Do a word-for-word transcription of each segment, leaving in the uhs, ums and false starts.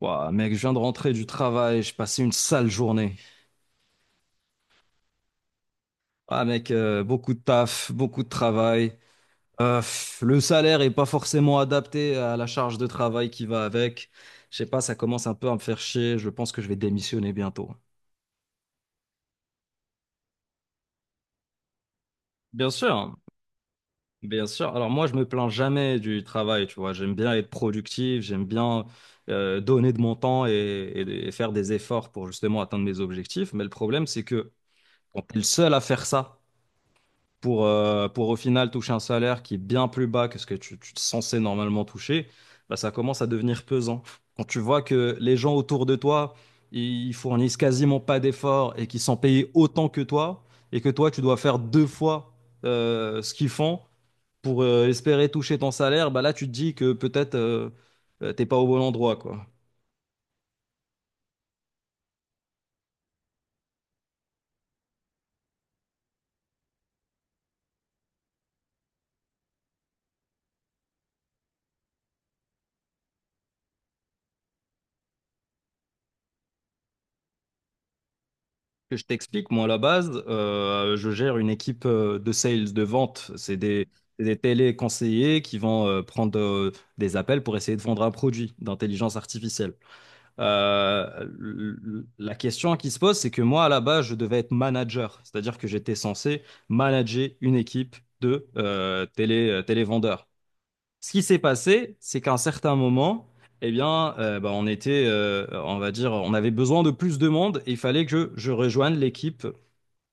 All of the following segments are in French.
Ouah, mec, je viens de rentrer du travail, j'ai passé une sale journée. Ah mec, euh, beaucoup de taf, beaucoup de travail. Euh, pff, le salaire est pas forcément adapté à la charge de travail qui va avec. Je sais pas, ça commence un peu à me faire chier. Je pense que je vais démissionner bientôt. Bien sûr, bien sûr. Alors moi, je me plains jamais du travail, tu vois. J'aime bien être productif, j'aime bien euh, donner de mon temps et, et- et faire des efforts pour justement atteindre mes objectifs. Mais le problème, c'est que quand t'es le seul à faire ça, pour, euh, pour au final toucher un salaire qui est bien plus bas que ce que tu, tu es censé normalement toucher, bah, ça commence à devenir pesant. Quand tu vois que les gens autour de toi, ils fournissent quasiment pas d'efforts et qu'ils sont payés autant que toi, et que toi, tu dois faire deux fois euh, ce qu'ils font pour euh, espérer toucher ton salaire, bah là, tu te dis que peut-être euh, euh, t'es pas au bon endroit, quoi. Que je t'explique, moi, à la base, euh, je gère une équipe euh, de sales, de vente. C'est des, c'est des téléconseillers qui vont euh, prendre euh, des appels pour essayer de vendre un produit d'intelligence artificielle. Euh, l- l- la question qui se pose, c'est que moi, à la base, je devais être manager, c'est-à-dire que j'étais censé manager une équipe de euh, télé, euh, télévendeurs. Ce qui s'est passé, c'est qu'à un certain moment, eh bien, euh, bah, on était, euh, on va dire, on avait besoin de plus de monde et il fallait que je rejoigne l'équipe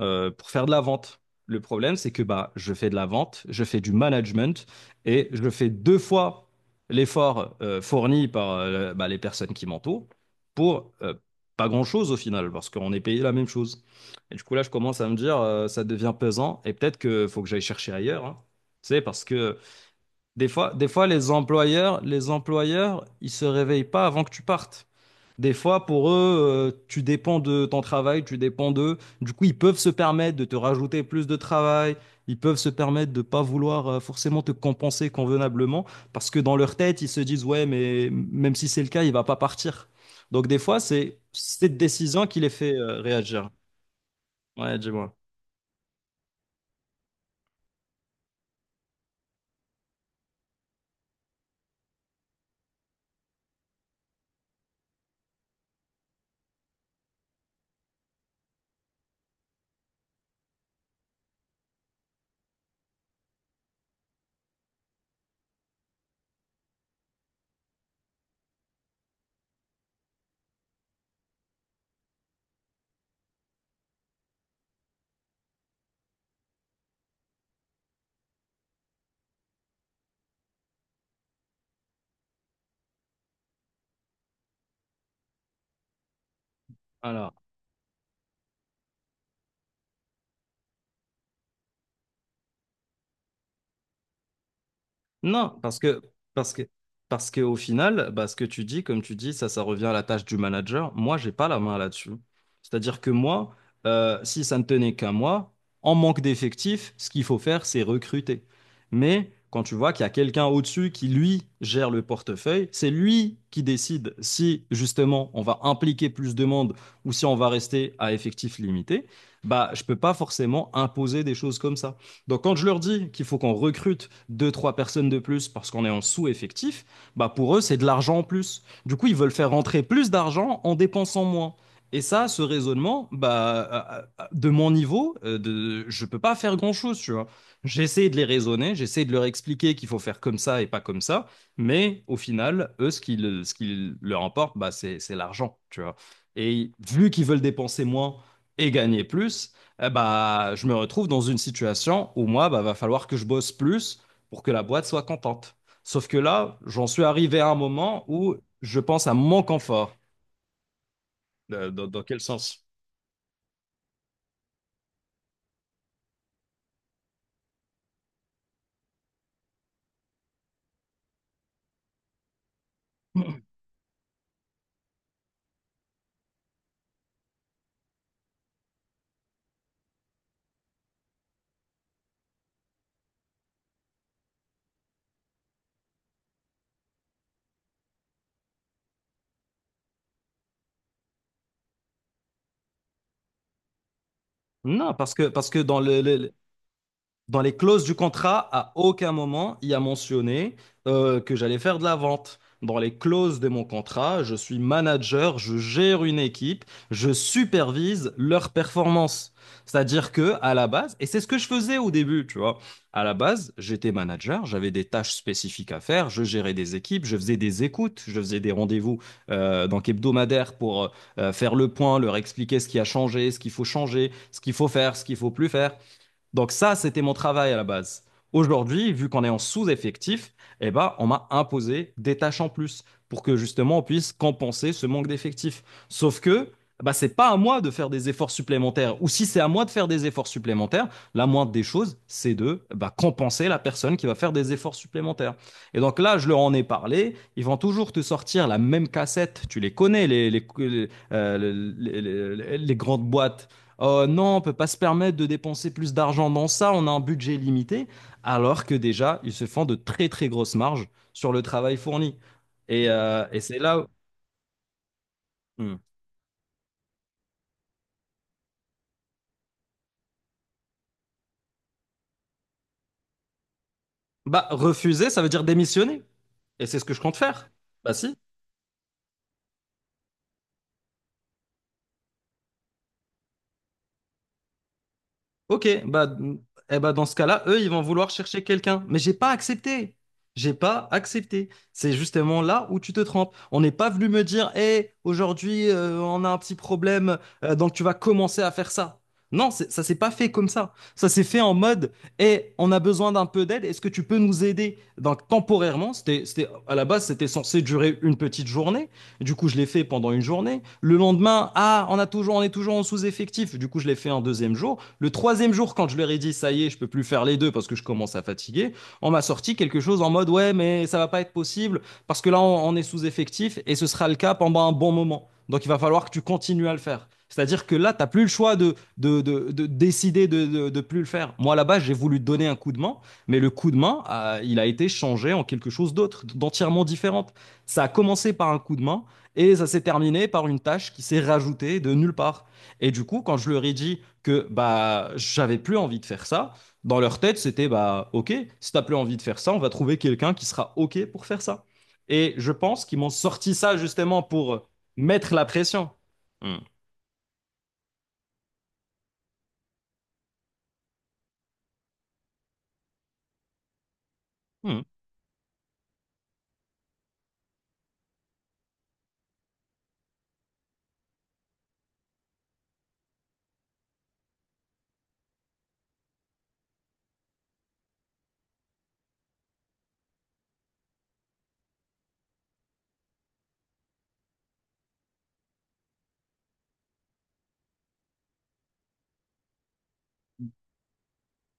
euh, pour faire de la vente. Le problème, c'est que bah, je fais de la vente, je fais du management et je fais deux fois l'effort euh, fourni par euh, bah, les personnes qui m'entourent pour euh, pas grand-chose au final, parce qu'on est payé la même chose. Et du coup, là, je commence à me dire, euh, ça devient pesant et peut-être qu'il faut que j'aille chercher ailleurs, hein. C'est parce que des fois, des fois, les employeurs, les employeurs, ils se réveillent pas avant que tu partes. Des fois, pour eux, euh, tu dépends de ton travail, tu dépends d'eux. Du coup, ils peuvent se permettre de te rajouter plus de travail. Ils peuvent se permettre de pas vouloir euh, forcément te compenser convenablement parce que dans leur tête, ils se disent, ouais, mais même si c'est le cas, il va pas partir. Donc, des fois, c'est cette décision qui les fait euh, réagir. Ouais, dis-moi. Alors. Non, parce que, parce que, parce que au final, bah, ce que tu dis, comme tu dis, ça, ça revient à la tâche du manager. Moi, j'ai pas la main là-dessus. C'est-à-dire que moi, euh, si ça ne tenait qu'à moi, en manque d'effectifs, ce qu'il faut faire, c'est recruter. Mais quand tu vois qu'il y a quelqu'un au-dessus qui, lui, gère le portefeuille, c'est lui qui décide si, justement, on va impliquer plus de monde ou si on va rester à effectif limité. Bah, je peux pas forcément imposer des choses comme ça. Donc quand je leur dis qu'il faut qu'on recrute deux, trois personnes de plus parce qu'on est en sous-effectif, bah pour eux, c'est de l'argent en plus. Du coup, ils veulent faire rentrer plus d'argent en dépensant moins. Et ça, ce raisonnement, bah, euh, euh, de mon niveau, euh, de, je peux pas faire grand-chose, tu vois. J'essaie de les raisonner, j'essaie de leur expliquer qu'il faut faire comme ça et pas comme ça, mais au final, eux, ce qui, le- ce qui leur importe, bah, c'est, c'est l'argent, tu vois. Et vu qu'ils veulent dépenser moins et gagner plus, eh bah, je me retrouve dans une situation où moi, bah, va falloir que je bosse plus pour que la boîte soit contente. Sauf que là, j'en suis arrivé à un moment où je pense à mon confort. Euh, Dans, dans quel sens? Non, parce que, parce que dans le, le- dans les clauses du contrat, à aucun moment il y a mentionné euh, que j'allais faire de la vente. Dans les clauses de mon contrat, je suis manager, je gère une équipe, je supervise leur performance. C'est-à-dire que à la base, et c'est ce que je faisais au début, tu vois, à la base, j'étais manager, j'avais des tâches spécifiques à faire, je gérais des équipes, je faisais des écoutes, je faisais des rendez-vous euh, donc hebdomadaires pour euh, faire le point, leur expliquer ce qui a changé, ce qu'il faut changer, ce qu'il faut faire, ce qu'il faut plus faire. Donc ça, c'était mon travail à la base. Aujourd'hui, vu qu'on est en sous-effectif, eh ben, on m'a imposé des tâches en plus pour que justement on puisse compenser ce manque d'effectifs. Sauf que bah, c'est pas à moi de faire des efforts supplémentaires. Ou si c'est à moi de faire des efforts supplémentaires, la moindre des choses, c'est de bah, compenser la personne qui va faire des efforts supplémentaires. Et donc là, je leur en ai parlé. Ils vont toujours te sortir la même cassette. Tu les connais, les, les, les, euh, les les, les grandes boîtes, euh, non, on peut pas se permettre de dépenser plus d'argent dans ça, on a un budget limité, alors que déjà, ils se font de très très grosses marges sur le travail fourni. Et, euh, et c'est là où… Hmm. Bah, refuser, ça veut dire démissionner. Et c'est ce que je compte faire. Bah si. Ok, bah, mm, eh bah dans ce cas-là, eux, ils vont vouloir chercher quelqu'un. Mais j'ai pas accepté. J'ai pas accepté. C'est justement là où tu te trompes. On n'est pas venu me dire, hé, aujourd'hui, euh, on a un petit problème, euh, donc tu vas commencer à faire ça. Non, c'est- ça s'est pas fait comme ça. Ça s'est fait en mode, hé, on a besoin d'un peu d'aide, est-ce que tu peux nous aider? Donc temporairement, c'était, c'était, à la base, c'était censé durer une petite journée. Du coup, je l'ai fait pendant une journée. Le lendemain, ah, on a toujours, on est toujours en sous-effectif. Du coup, je l'ai fait un deuxième jour. Le troisième jour, quand je leur ai dit ça y est, je peux plus faire les deux parce que je commence à fatiguer, on m'a sorti quelque chose en mode ouais, mais ça va pas être possible parce que là, on, on est sous-effectif et ce sera le cas pendant un bon moment. Donc il va falloir que tu continues à le faire. C'est-à-dire que là, tu n'as plus le choix de, de, de, de décider de ne de, de plus le faire. Moi, là-bas, j'ai voulu donner un coup de main, mais le coup de main, euh, il a été changé en quelque chose d'autre, d'entièrement différente. Ça a commencé par un coup de main et ça s'est terminé par une tâche qui s'est rajoutée de nulle part. Et du coup, quand je leur ai dit que bah j'avais plus envie de faire ça, dans leur tête, c'était bah OK, si t'as plus envie de faire ça, on va trouver quelqu'un qui sera OK pour faire ça. Et je pense qu'ils m'ont sorti ça justement pour mettre la pression. Hmm. Hmm.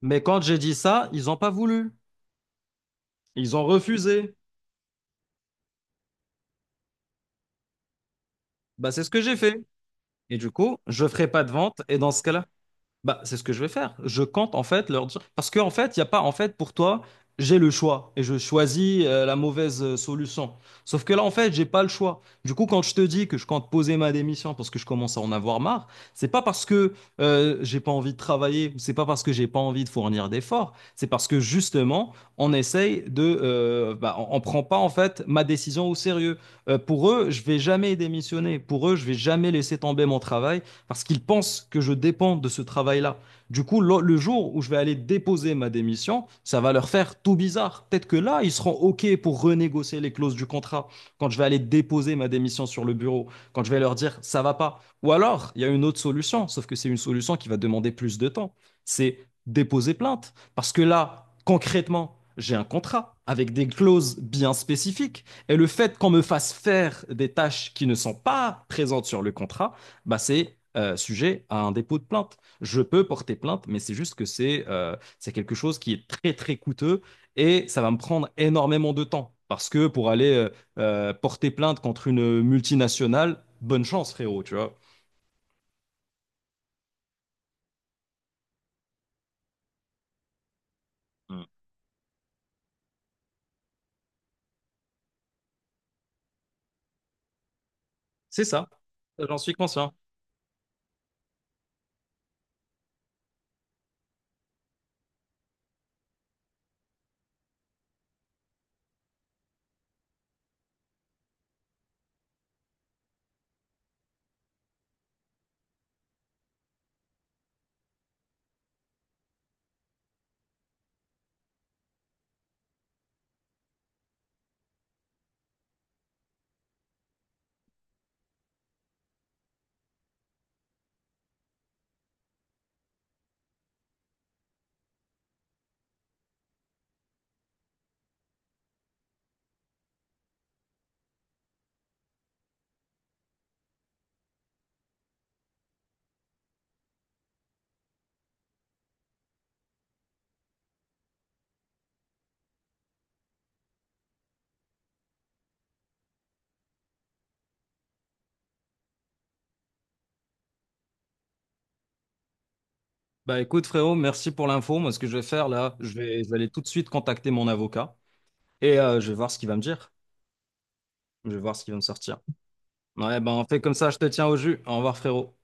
Mais quand j'ai dit ça, ils n'ont pas voulu. Ils ont refusé. Bah, c'est ce que j'ai fait. Et du coup, je ne ferai pas de vente. Et dans ce cas-là, bah, c'est ce que je vais faire. Je compte en fait leur dire. Parce qu'en fait, il n'y a pas, en fait, pour toi, j'ai le choix et je choisis euh, la mauvaise euh, solution. Sauf que là, en fait, j'ai pas le choix. Du coup, quand je te dis que je compte poser ma démission parce que je commence à en avoir marre, c'est pas parce que euh, j'ai pas envie de travailler ou c'est pas parce que j'ai pas envie de fournir d'efforts. C'est parce que justement, on essaye de, euh, bah, on, on prend pas en fait ma décision au sérieux. Euh, pour eux, je vais jamais démissionner. Pour eux, je vais jamais laisser tomber mon travail parce qu'ils pensent que je dépends de ce travail-là. Du coup, le le jour où je vais aller déposer ma démission, ça va leur faire tout bizarre. Peut-être que là, ils seront OK pour renégocier les clauses du contrat quand je vais aller déposer ma démission sur le bureau, quand je vais leur dire ça va pas. Ou alors, il y a une autre solution, sauf que c'est une solution qui va demander plus de temps. C'est déposer plainte. Parce que là, concrètement, j'ai un contrat avec des clauses bien spécifiques. Et le fait qu'on me fasse faire des tâches qui ne sont pas présentes sur le contrat, bah, c'est euh, sujet à un dépôt de plainte. Je peux porter plainte, mais c'est juste que c'est euh, c'est quelque chose qui est très très coûteux et ça va me prendre énormément de temps. Parce que pour aller euh, euh, porter plainte contre une multinationale, bonne chance, frérot, tu vois. Mm. C'est ça, j'en suis conscient. Bah écoute, frérot, merci pour l'info. Moi, ce que je vais faire là, je vais, je vais aller tout de suite contacter mon avocat et euh, je vais voir ce qu'il va me dire. Je vais voir ce qu'il va me sortir. Ouais, ben on fait comme ça, je te tiens au jus. Au revoir, frérot.